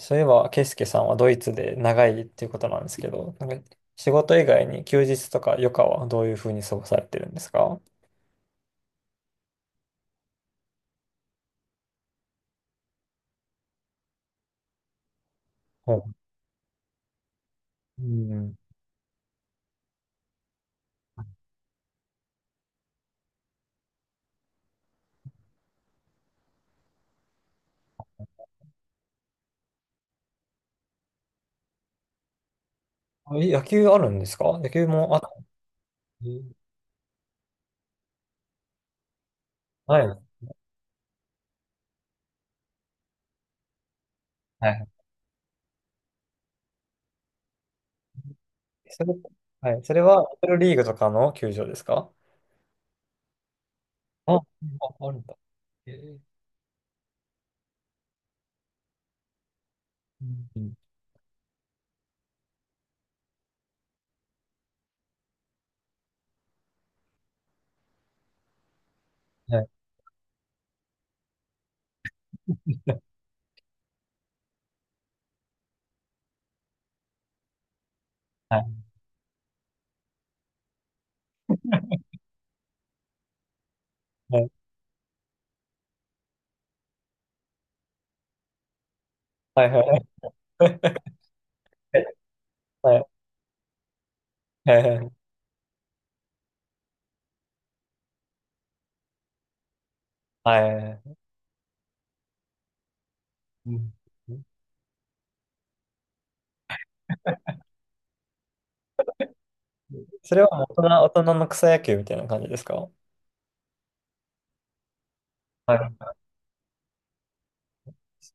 そういえば、ケイスケさんはドイツで長いっていうことなんですけど、なんか仕事以外に休日とか余暇はどういうふうに過ごされてるんですか？ほう、うん。あ、え、野球あるんですか？野球もあったり？はい。はい。それ、はい。それは、リトルリーグとかの球場ですか？あ、あ、あるんだ。えー。うん。はい。はい。はい。はいはい。はい。はい。はい。はい。うん。それは大人の草野球みたいな感じですか？はい。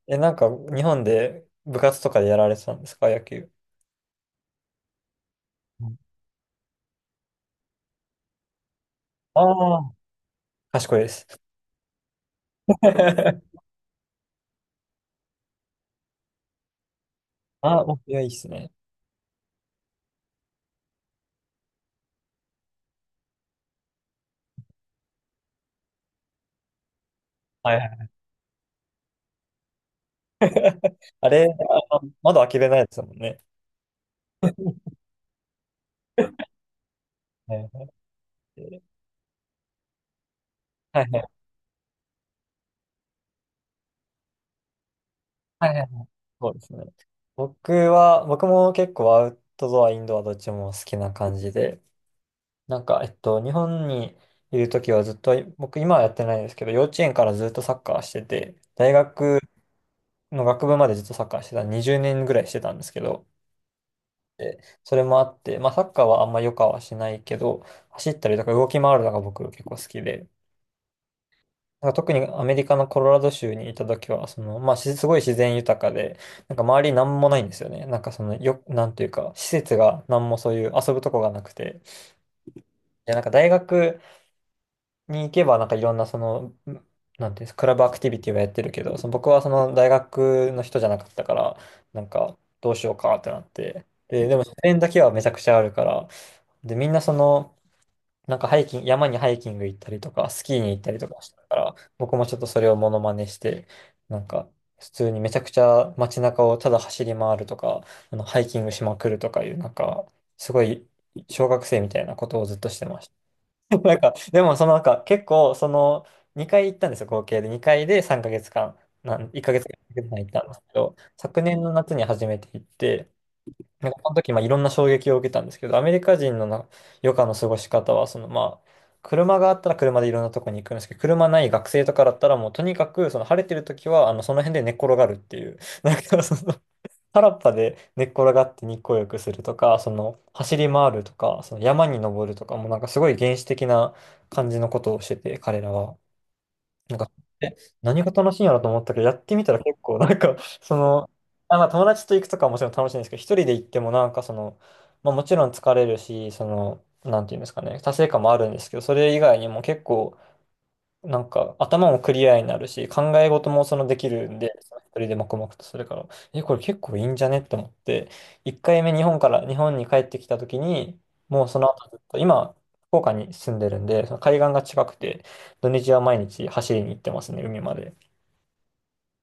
え、なんか、日本で部活とかでやられてたんですか、野球。ああー。賢いです。あおいや、いいっすね。はいはい。あれ、あの窓開けれないですもんね。はいはいはいはいはい。そうですね。僕も結構アウトドア、インドアどっちも好きな感じで、なんか、日本にいるときはずっと、僕今はやってないですけど、幼稚園からずっとサッカーしてて、大学の学部までずっとサッカーしてた、20年ぐらいしてたんですけど、でそれもあって、まあ、サッカーはあんま良くはしないけど、走ったりとか動き回るのが僕結構好きで、なんか特にアメリカのコロラド州にいた時は、その、まあ、すごい自然豊かで、なんか周りなんもないんですよね。なんかその、なんていうか、施設がなんもそういう遊ぶとこがなくて、で、なんか大学に行けば、なんかいろんなその、なんていうんですか、クラブアクティビティはやってるけど、その僕はその大学の人じゃなかったから、なんかどうしようかってなって、でも自然だけはめちゃくちゃあるから、で、みんなその、なんかハイキング、山にハイキング行ったりとか、スキーに行ったりとかしたから、僕もちょっとそれをモノマネして、なんか、普通にめちゃくちゃ街中をただ走り回るとか、あの、ハイキングしまくるとかいう、なんか、すごい小学生みたいなことをずっとしてました。なんか、でもそのなんか、結構、その、2回行ったんですよ、合計で。2回で3ヶ月間、1ヶ月間行ったんですけど、昨年の夏に初めて行って、なんかその時、まあ、いろんな衝撃を受けたんですけど、アメリカ人の余暇の過ごし方は、その、まあ、車があったら車でいろんなとこに行くんですけど、車ない学生とかだったら、もうとにかく、その晴れてる時は、その辺で寝っ転がるっていう、なんかその、原っぱで寝っ転がって日光浴するとか、その、走り回るとか、その山に登るとか、もうなんかすごい原始的な感じのことをしてて、彼らは。なんか、え、何が楽しいんやろと思ったけど、やってみたら結構、なんか、その、あ、まあ、友達と行くとかはもちろん楽しいんですけど、一人で行ってもなんかその、まあ、もちろん疲れるし、その、なんていうんですかね、達成感もあるんですけど、それ以外にも結構、なんか頭もクリアになるし、考え事もそのできるんで、その一人で黙々とするから、え、これ結構いいんじゃねって思って、1回目日本に帰ってきた時に、もうその後ずっと、今、福岡に住んでるんで、その海岸が近くて、土日は毎日走りに行ってますね、海まで。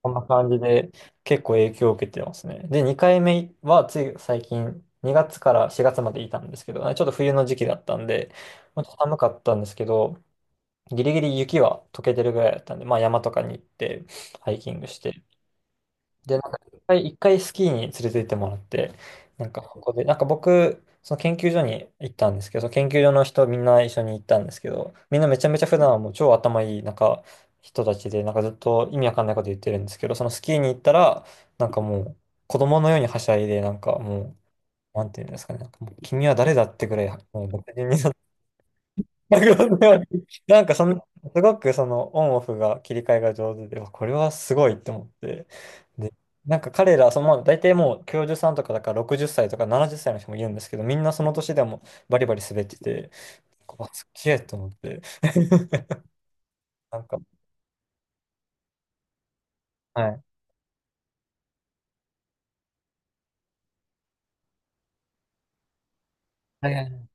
こんな感じで結構影響を受けてますね。で、2回目はつい最近、2月から4月までいたんですけど、ちょっと冬の時期だったんで、まあちょっと寒かったんですけど、ギリギリ雪は溶けてるぐらいだったんで、まあ山とかに行って、ハイキングして、で、なんか一回スキーに連れて行ってもらって、なんかここで、なんか僕、その研究所に行ったんですけど、その研究所の人みんな一緒に行ったんですけど、みんなめちゃめちゃ普段はもう超頭いい、なんか人たちで、なんかずっと意味わかんないこと言ってるんですけど、そのスキーに行ったら、なんかもう子供のようにはしゃいで、なんかもう、なんていうんですかね、なんかもう君は誰だってぐらい、もう僕に、 ななんかその、すごくそのオンオフが切り替えが上手で、わ、これはすごいって思って。で、なんか彼ら、その、まあ大体もう教授さんとかだから60歳とか70歳の人もいるんですけど、みんなその年でもバリバリ滑ってて、あ、すっげえと思って。なんか、はい。はいはいは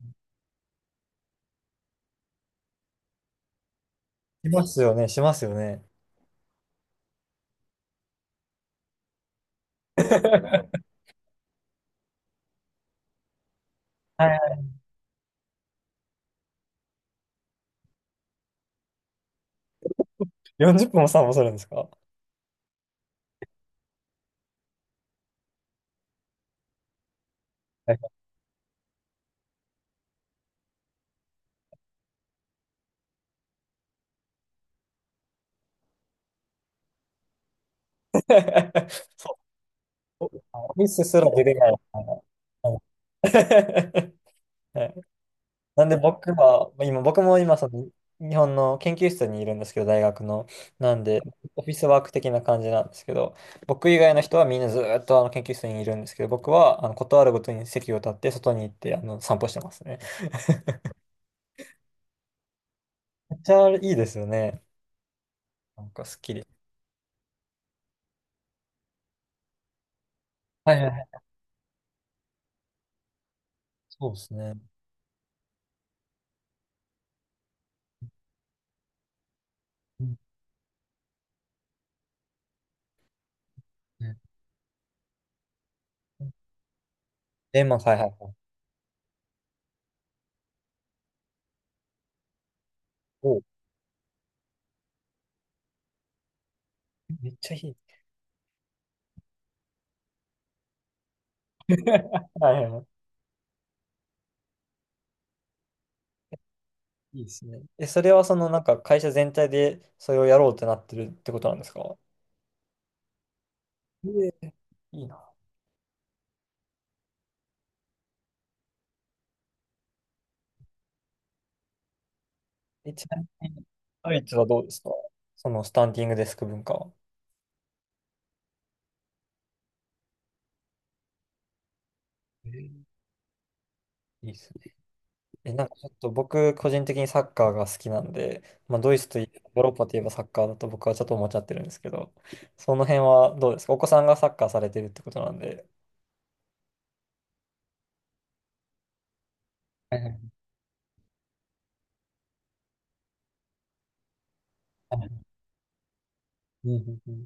い。しますよね、しますよね。はい。40分も散歩するんですか？はい。 そう。ミスすら出れない。はい。 はい。なんで僕も今その日本の研究室にいるんですけど、大学の。なんで、オフィスワーク的な感じなんですけど、僕以外の人はみんなずーっとあの研究室にいるんですけど、僕はあのことあるごとに席を立って外に行ってあの散歩してますね。めっちゃいいですよね。なんかすっきり。はいはいはい。そうですね。うん。レモン、はいはいはい。おう。めっちゃいい。はいはい。いいですね。え、それはそのなんか会社全体でそれをやろうってなってるってことなんですか？ええ、いいね。え、ちなみに、ドイツはどうですか？そのスタンディングデスク文化は。えー、いいですね。え、なんかちょっと僕、個人的にサッカーが好きなんで、まあ、ドイツといえば、ヨーロッパといえばサッカーだと僕はちょっと思っちゃってるんですけど、その辺はどうですか？お子さんがサッカーされてるってことなんで。はいはいはい。うんうんうん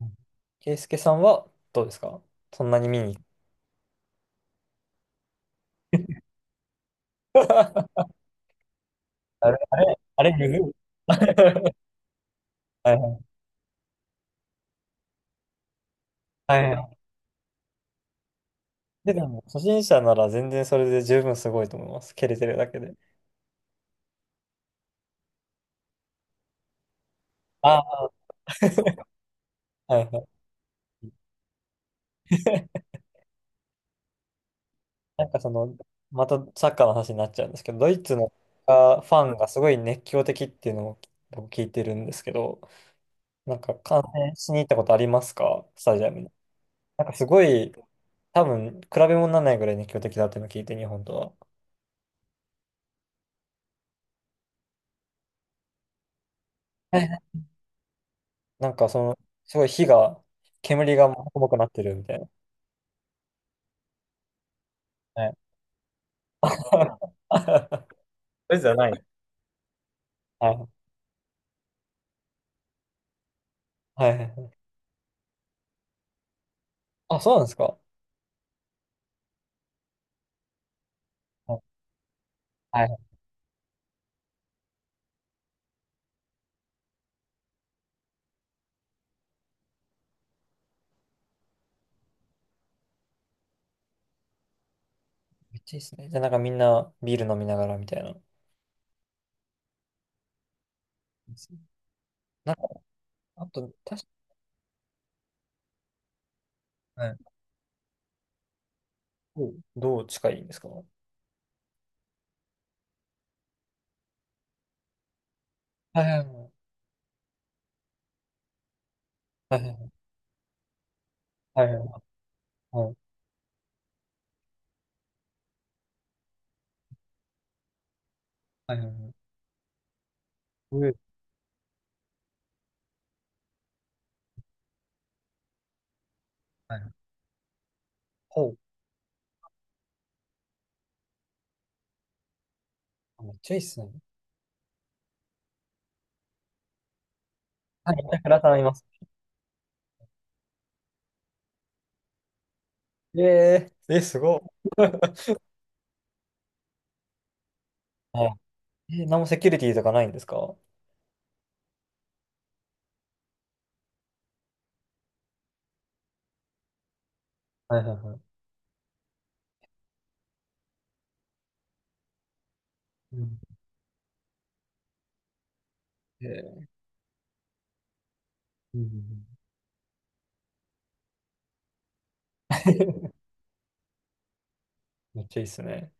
うん。ケイス介さんはどうですか？そんなに見に行く？ あれ、あれ、あれ、むずい。 はいはい。はいはい。でも、初心者なら全然それで十分すごいと思います。蹴れてるだけで。あ、はいはい。なんかその、またサッカーの話になっちゃうんですけど、ドイツのサッカーファンがすごい熱狂的っていうのを僕聞いてるんですけど、なんか観戦しに行ったことありますか？スタジアムに。なんかすごい、多分比べ物にならないぐらい熱狂的だっていうのを聞いて、日本とは。はいはい。なんかその、すごい煙がもくもくなってるみたいな。はい。ドイツじゃない。はい。はいはいはい。あ、そうなんですか。はい。はい。めっちゃいいですね。じゃあなんかみんなビール飲みながらみたいな。ですね。あと、確、はい、かに、どう近いんですか？はいはいはい。はいはいはい。はいはいはい。はいはいはい。うえ、はいはい。ほう。あ、めっちゃいいっすね。はい、だから頼みます。ええー、え、すごい、はい。え、何もセキュリティとかないんですか？はいはいはい。うん。えー。うんうんうん。 めっちゃいいっすね。